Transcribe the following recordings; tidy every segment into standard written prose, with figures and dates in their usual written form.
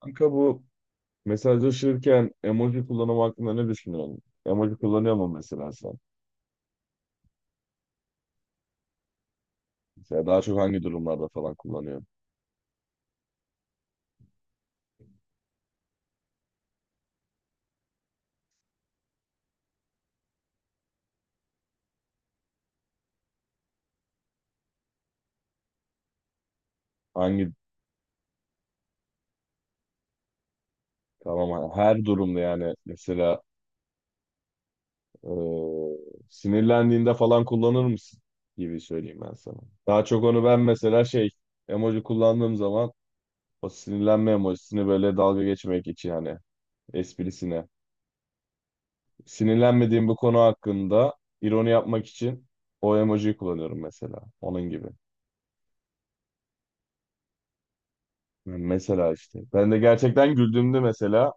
Kanka bu mesajlaşırken emoji kullanımı hakkında ne düşünüyorsun? Emoji kullanıyor mu mesela sen? Mesela daha çok hangi durumlarda falan kullanıyorsun? Hangi tamam her durumda yani mesela eee, sinirlendiğinde falan kullanır mısın gibi söyleyeyim ben sana. Daha çok onu ben mesela şey emoji kullandığım zaman o sinirlenme emojisini böyle dalga geçmek için hani esprisine. Sinirlenmediğim bu konu hakkında ironi yapmak için o emojiyi kullanıyorum mesela. Onun gibi. Mesela işte. Ben de gerçekten güldüğümde mesela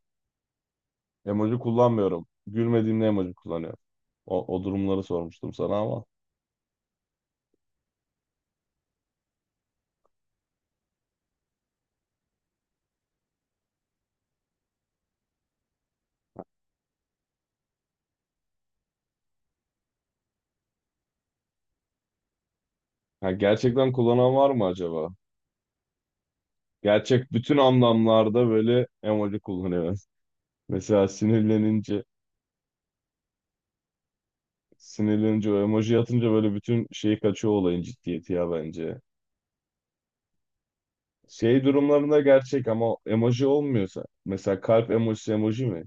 emoji kullanmıyorum. Gülmediğimde emoji kullanıyorum. O durumları sormuştum sana ama. Ha, gerçekten kullanan var mı acaba? Gerçek bütün anlamlarda böyle emoji kullanıyor. Mesela sinirlenince, o emoji atınca böyle bütün şeyi kaçıyor olayın ciddiyeti ya bence. Şey durumlarında gerçek ama emoji olmuyorsa. Mesela kalp emojisi emoji mi?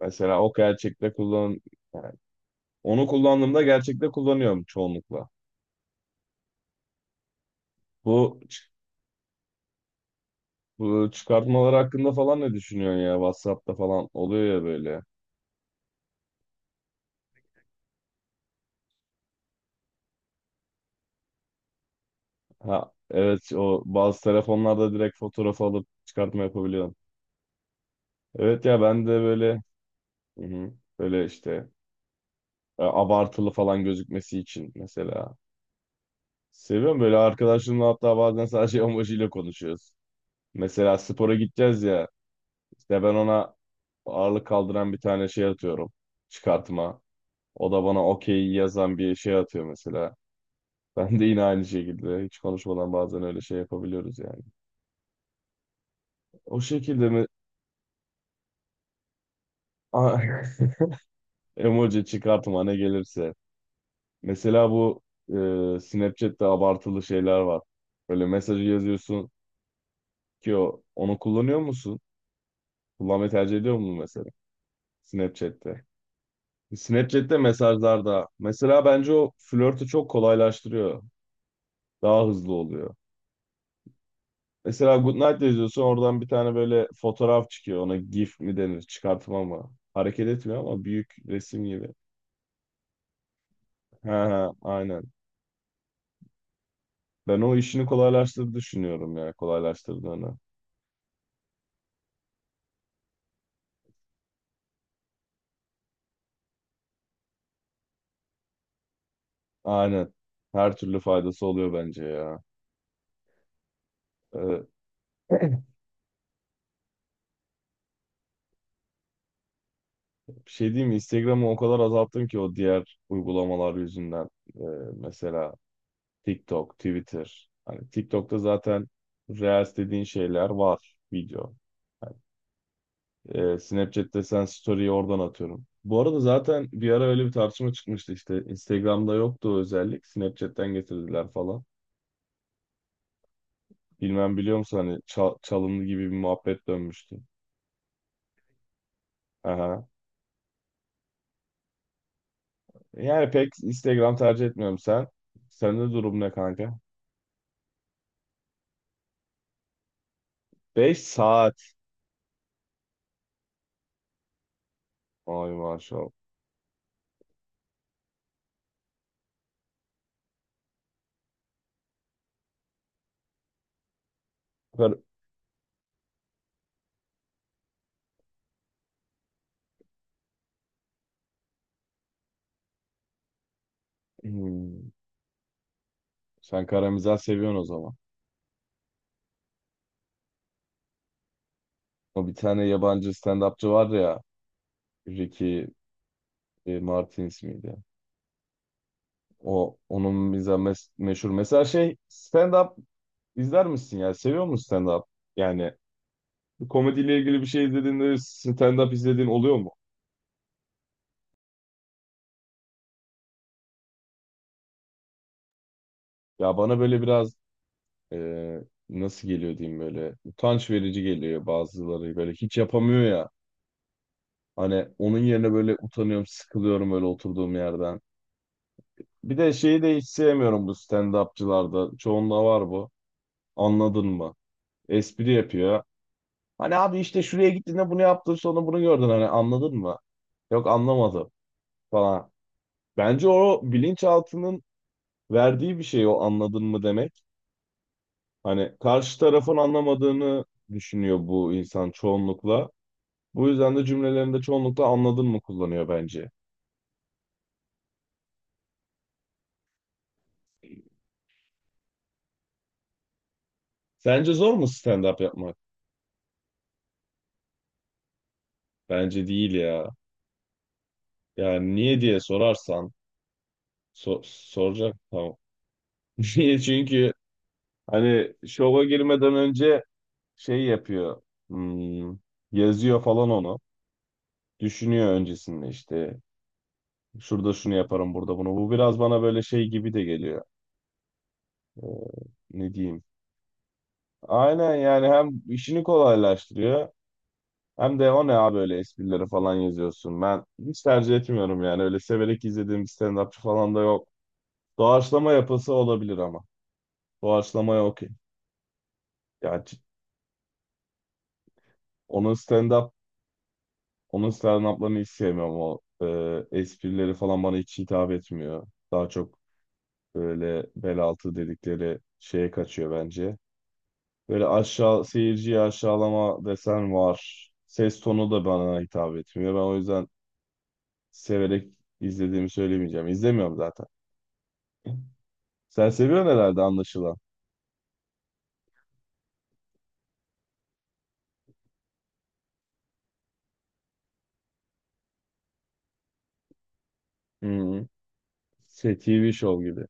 Mesela o gerçekte kullan, yani onu kullandığımda gerçekte kullanıyorum çoğunlukla. Bu, ç- bu çıkartmalar hakkında falan ne düşünüyorsun ya? WhatsApp'ta falan oluyor ya böyle. Ha, evet, o bazı telefonlarda direkt fotoğraf alıp çıkartma yapabiliyorsun. Evet ya, ben de böyle, hı hı, böyle işte abartılı falan gözükmesi için mesela. Seviyorum böyle arkadaşımla, hatta bazen sadece emojiyle konuşuyoruz. Mesela spora gideceğiz ya, işte ben ona ağırlık kaldıran bir tane şey atıyorum, çıkartma. O da bana okey yazan bir şey atıyor mesela. Ben de yine aynı şekilde hiç konuşmadan bazen öyle şey yapabiliyoruz yani. O şekilde mi? Emoji, çıkartma, ne gelirse. Mesela bu Snapchat'te abartılı şeyler var. Böyle mesajı yazıyorsun ki o, onu kullanıyor musun? Kullanmayı tercih ediyor musun mesela Snapchat'te? Snapchat'te mesajlarda mesela bence o flörtü çok kolaylaştırıyor. Daha hızlı oluyor. Mesela Goodnight yazıyorsun, oradan bir tane böyle fotoğraf çıkıyor. Ona GIF mi denir? Çıkartma mı? Hareket etmiyor ama büyük resim gibi. Ha ha, aynen. Ben o işini kolaylaştırdı düşünüyorum ya. Kolaylaştırdığını. Aynen. Her türlü faydası oluyor bence ya. Ee, bir şey diyeyim mi? Instagram'ı o kadar azalttım ki, o diğer uygulamalar yüzünden. Ee, mesela TikTok, Twitter. Hani TikTok'ta zaten Reels dediğin şeyler var. Video. Snapchat'te sen story'yi oradan atıyorum. Bu arada zaten bir ara öyle bir tartışma çıkmıştı işte. Instagram'da yoktu o özellik. Snapchat'ten getirdiler falan. Bilmem biliyor musun hani çalındı gibi bir muhabbet dönmüştü. Aha. Yani pek Instagram tercih etmiyorum sen. Sende durum ne kanka? 5 saat. Ay, maşallah. Kar- Hmm. Sen karamizah seviyorsun o zaman. O bir tane yabancı stand-upçı var ya. Ricky Martins miydi? O onun bize meşhur. Mesela şey, stand-up izler misin ya? Seviyor musun stand-up? Yani bir komediyle ilgili bir şey izlediğinde stand-up izlediğin oluyor mu? Ya bana böyle biraz e, nasıl geliyor diyeyim, böyle utanç verici geliyor, bazıları böyle hiç yapamıyor ya. Hani onun yerine böyle utanıyorum, sıkılıyorum böyle oturduğum yerden. Bir de şeyi de hiç sevmiyorum bu stand-upçılarda. Çoğunda var bu. Anladın mı? Espri yapıyor. Hani abi işte şuraya gittiğinde bunu yaptın, sonra bunu gördün, hani anladın mı? Yok, anlamadım falan. Bence o bilinçaltının verdiği bir şey o anladın mı demek. Hani karşı tarafın anlamadığını düşünüyor bu insan çoğunlukla. Bu yüzden de cümlelerinde çoğunlukla anladın mı kullanıyor bence. Sence zor mu stand-up yapmak? Bence değil ya. Yani niye diye sorarsan so- soracak, tamam. Niye? Çünkü hani şova girmeden önce şey yapıyor, hmm, yazıyor falan onu. Düşünüyor öncesinde işte. Şurada şunu yaparım, burada bunu. Bu biraz bana böyle şey gibi de geliyor. Ee, ne diyeyim? Aynen yani hem işini kolaylaştırıyor hem de o ne abi öyle esprileri falan yazıyorsun. Ben hiç tercih etmiyorum yani. Öyle severek izlediğim bir stand-upçı falan da yok. Doğaçlama yapısı olabilir ama. Doğaçlamaya okey. Yani onun stand-up onun stand-up'larını hiç sevmiyorum. O esprileri falan bana hiç hitap etmiyor. Daha çok böyle bel altı dedikleri şeye kaçıyor bence. Böyle aşağı, seyirciyi aşağılama desen var. Ses tonu da bana hitap etmiyor. Ben o yüzden severek izlediğimi söylemeyeceğim. İzlemiyorum zaten. Sen seviyorsun herhalde anlaşılan. Hı hı. Şey, TV show gibi.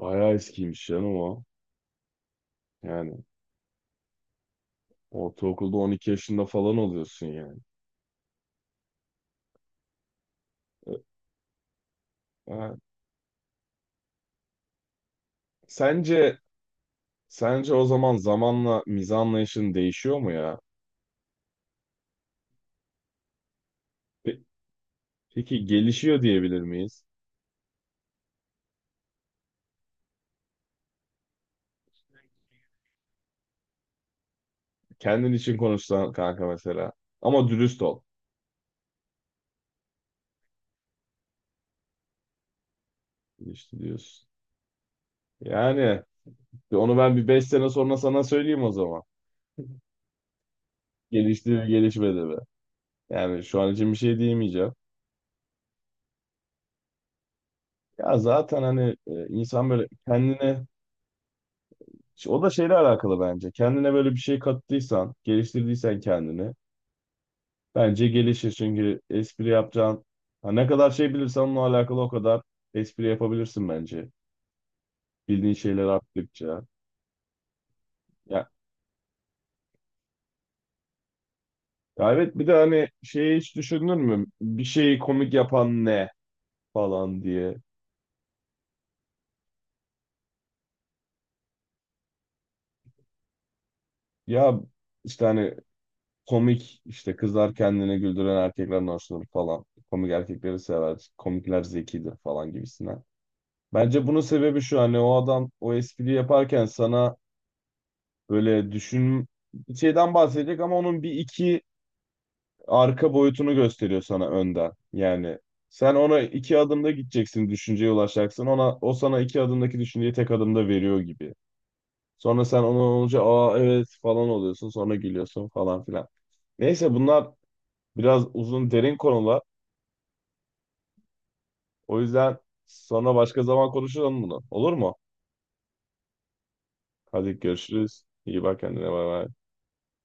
Bayağı eskiymiş canım o. Yani ortaokulda 12 yaşında falan oluyorsun yani. Ha. Sence Sence o zaman zamanla mizah anlayışın değişiyor mu ya? Pe- Peki gelişiyor diyebilir miyiz? Kendin için konuşsan kanka mesela. Ama dürüst ol. Gelişti diyorsun. Yani onu ben bir 5 sene sonra sana söyleyeyim o zaman. Gelişti mi gelişmedi mi? Yani şu an için bir şey diyemeyeceğim. Ya zaten hani insan böyle kendine, o da şeyle alakalı bence. Kendine böyle bir şey kattıysan, geliştirdiysen kendini. Bence gelişir, çünkü espri yapacağın, ha, ne kadar şey bilirsen onunla alakalı, o kadar espri yapabilirsin bence. Bildiğin şeyler arttıkça. Ya, ya evet, bir de hani şeyi hiç düşünür mü? Bir şeyi komik yapan ne falan diye. Ya işte hani komik, işte kızlar kendini güldüren erkeklerden hoşlanır falan. Komik erkekleri sever. Komikler zekidir falan gibisine. Bence bunun sebebi şu, hani o adam o espriyi yaparken sana böyle düşün, bir şeyden bahsedecek ama onun bir iki arka boyutunu gösteriyor sana önden. Yani sen ona iki adımda gideceksin, düşünceye ulaşacaksın. Ona, o sana iki adımdaki düşünceyi tek adımda veriyor gibi. Sonra sen ona olunca, aa evet falan oluyorsun. Sonra gülüyorsun falan filan. Neyse, bunlar biraz uzun derin konular. O yüzden sonra başka zaman konuşalım bunu. Olur mu? Hadi görüşürüz. İyi bak kendine. Bay bay.